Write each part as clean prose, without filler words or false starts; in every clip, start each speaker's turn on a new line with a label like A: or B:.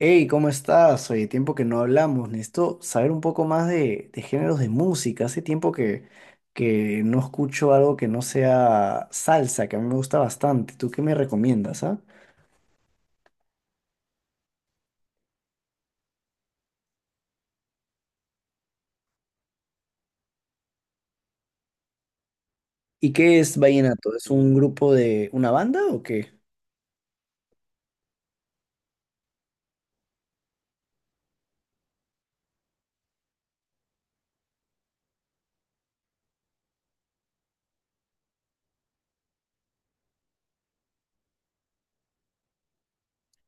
A: Hey, ¿cómo estás? Oye, tiempo que no hablamos. Necesito saber un poco más de géneros de música. Hace tiempo que no escucho algo que no sea salsa, que a mí me gusta bastante. ¿Tú qué me recomiendas, ah? ¿Y qué es vallenato? ¿Es un grupo de una banda o qué?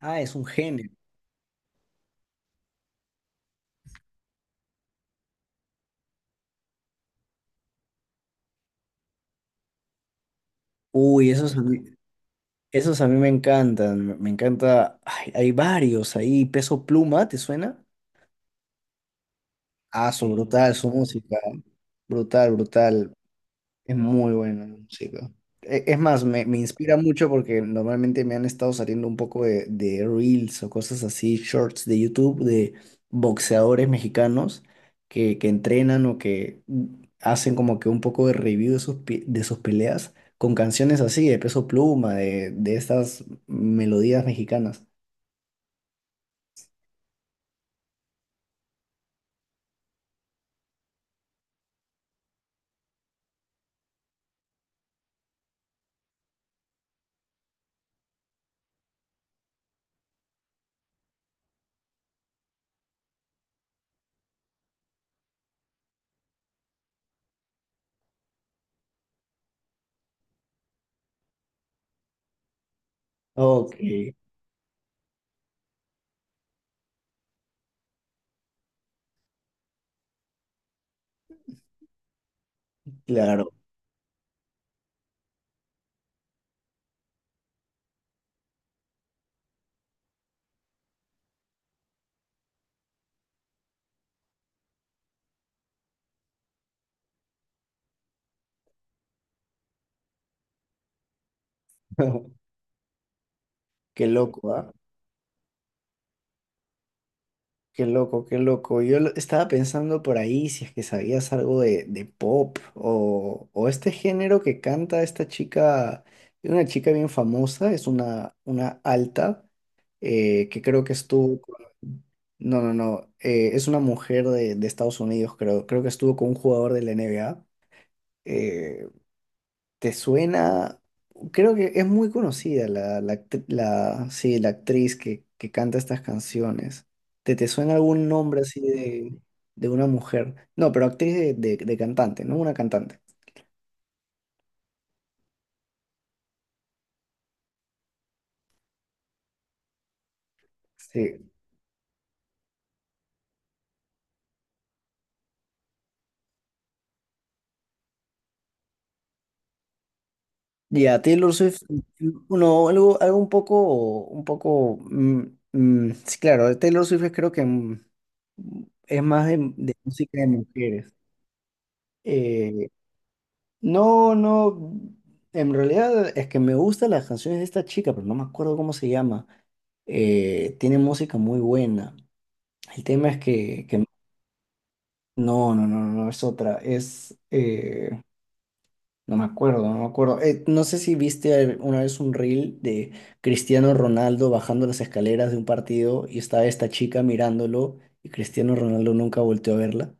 A: Ah, es un género. Uy, esos a mí, Esos a mí me encantan. Me encanta. Ay, hay varios ahí. Peso Pluma, ¿te suena? Ah, son brutal, su música. Brutal, brutal. Es muy buena la música. Es más, me inspira mucho porque normalmente me han estado saliendo un poco de reels o cosas así, shorts de YouTube de boxeadores mexicanos que entrenan o que hacen como que un poco de review de sus, de sus peleas con canciones así, de Peso Pluma, de estas melodías mexicanas. Oh, claro. Qué loco, ¿ah? Qué loco, qué loco. Estaba pensando por ahí si es que sabías algo de pop o este género que canta esta chica, una chica bien famosa, es una alta, que creo que estuvo con... No, no, no, es una mujer de Estados Unidos, creo, creo que estuvo con un jugador de la NBA. ¿Te suena? Creo que es muy conocida la, la, sí, la actriz que canta estas canciones. Te suena algún nombre así de una mujer? No, pero actriz de cantante, ¿no? Una cantante. Sí. Y a Taylor Swift, no, algo, algo un poco, sí, claro, Taylor Swift es creo que es más de música de mujeres. Eh, No, no, en realidad es que me gustan las canciones de esta chica, pero no me acuerdo cómo se llama. Tiene música muy buena. El tema es que no, no, no, no es otra. Es, no me acuerdo, no me acuerdo. No sé si viste una vez un reel de Cristiano Ronaldo bajando las escaleras de un partido y estaba esta chica mirándolo y Cristiano Ronaldo nunca volteó a verla.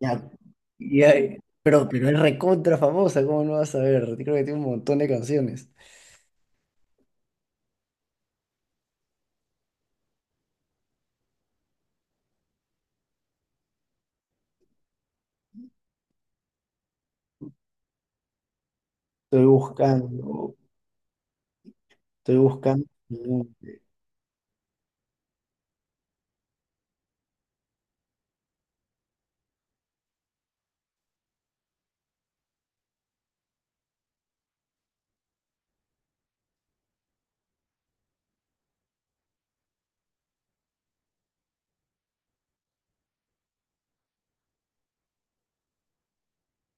A: Ya, ya, pero es recontra famosa, ¿cómo no vas a ver? Creo que tiene un montón de canciones. Estoy buscando, estoy buscando.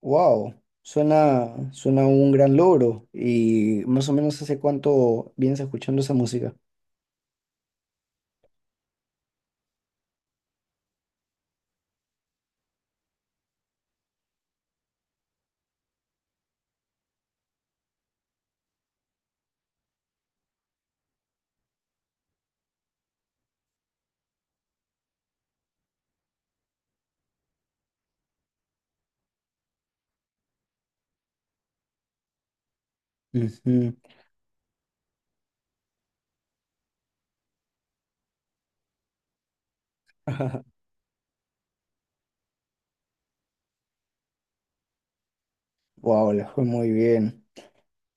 A: Wow, suena, suena un gran logro. Y más o menos hace cuánto vienes escuchando esa música. Ujú. Wow, le fue muy bien.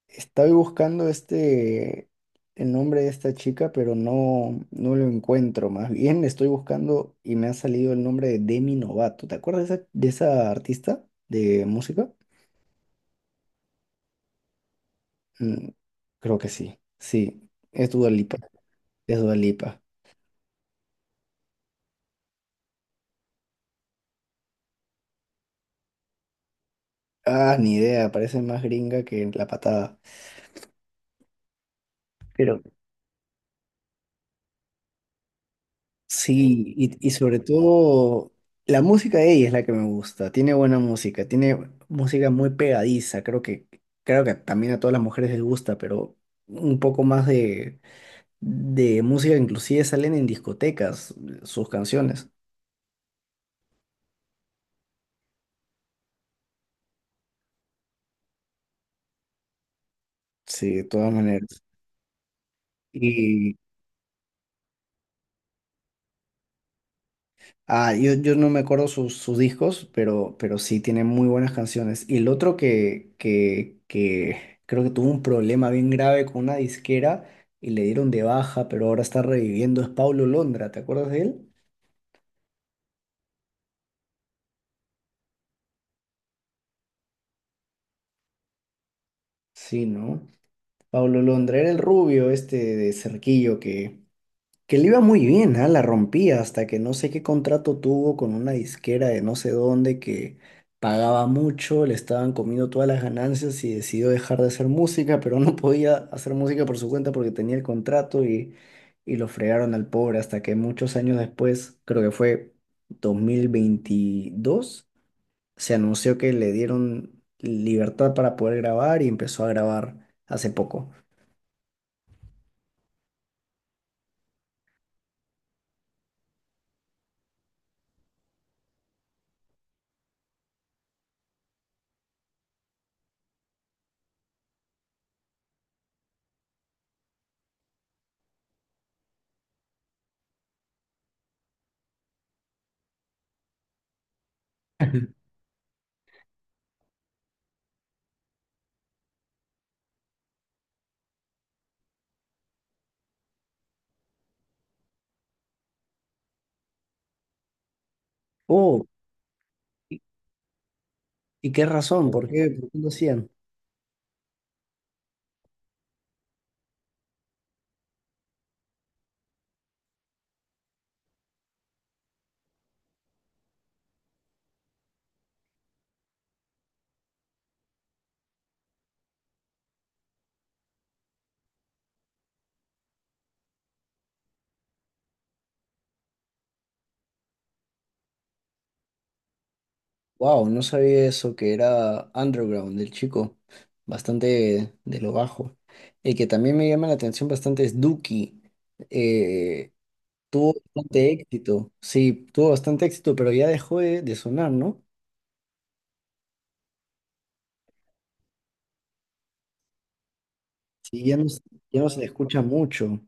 A: Estoy buscando este, el nombre de esta chica, pero no, no lo encuentro. Más bien estoy buscando y me ha salido el nombre de Demi Novato. ¿Te acuerdas de esa artista de música? Mm, creo que sí. Sí, es Dua Lipa. Es Dua Lipa. Ah, ni idea, parece más gringa que la patada. Pero sí, y sobre todo la música de ella es la que me gusta. Tiene buena música, tiene música muy pegadiza. Creo que también a todas las mujeres les gusta, pero un poco más de música, inclusive salen en discotecas sus canciones. Sí, de todas maneras. Ah, yo no me acuerdo sus, sus discos, pero sí tiene muy buenas canciones. Y el otro que creo que tuvo un problema bien grave con una disquera y le dieron de baja, pero ahora está reviviendo, es Paulo Londra, ¿te acuerdas de él? Sí, ¿no? Paulo Londra era el rubio este de cerquillo que que le iba muy bien, ah, la rompía hasta que no sé qué contrato tuvo con una disquera de no sé dónde que pagaba mucho, le estaban comiendo todas las ganancias y decidió dejar de hacer música, pero no podía hacer música por su cuenta porque tenía el contrato y lo fregaron al pobre hasta que muchos años después, creo que fue 2022, se anunció que le dieron libertad para poder grabar y empezó a grabar hace poco. Oh, ¿y y qué razón? Por qué lo hacían? Wow, no sabía eso, que era underground del chico, bastante de lo bajo. El que también me llama la atención bastante es Duki. Eh, Tuvo bastante éxito, sí, tuvo bastante éxito, pero ya dejó de sonar, ¿no? Sí, ya no, ya no se le escucha mucho.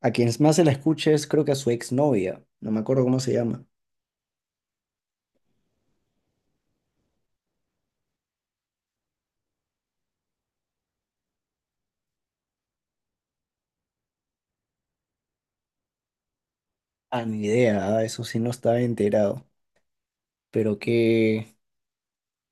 A: A quien más se la escucha es creo que a su exnovia, no me acuerdo cómo se llama. Ah, ni idea, ah, eso sí no estaba enterado. Pero qué,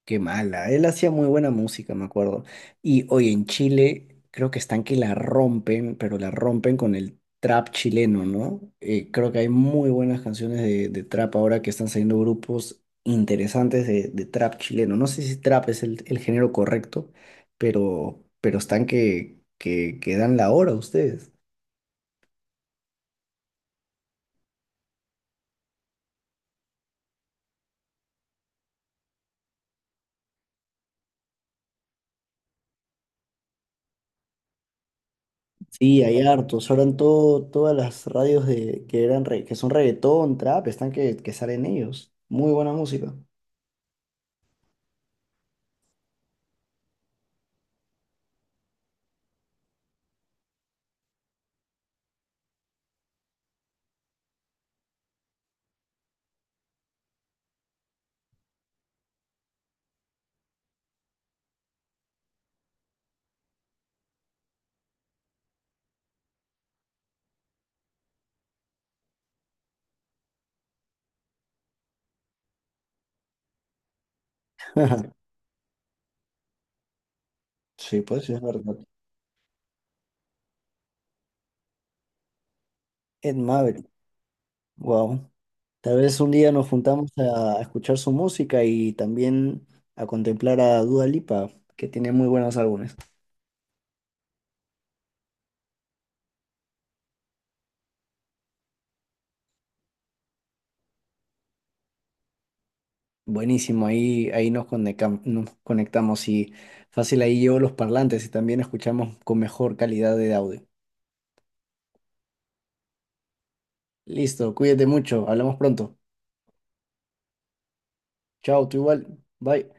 A: qué mala. Él hacía muy buena música, me acuerdo. Y hoy en Chile creo que están que la rompen, pero la rompen con el trap chileno, ¿no? Creo que hay muy buenas canciones de trap ahora que están saliendo grupos interesantes de trap chileno. No sé si trap es el género correcto, pero están que dan la hora ustedes. Sí, hay hartos. Ahora en todo, todas las radios de, que eran que son reggaetón, trap, están que salen ellos. Muy buena música. Sí, pues sí, es verdad. Ed Maverick, wow. Tal vez un día nos juntamos a escuchar su música y también a contemplar a Dua Lipa, que tiene muy buenos álbumes. Buenísimo, ahí, nos conectamos y fácil ahí llevo los parlantes y también escuchamos con mejor calidad de audio. Listo, cuídate mucho, hablamos pronto. Chao, tú igual, bye.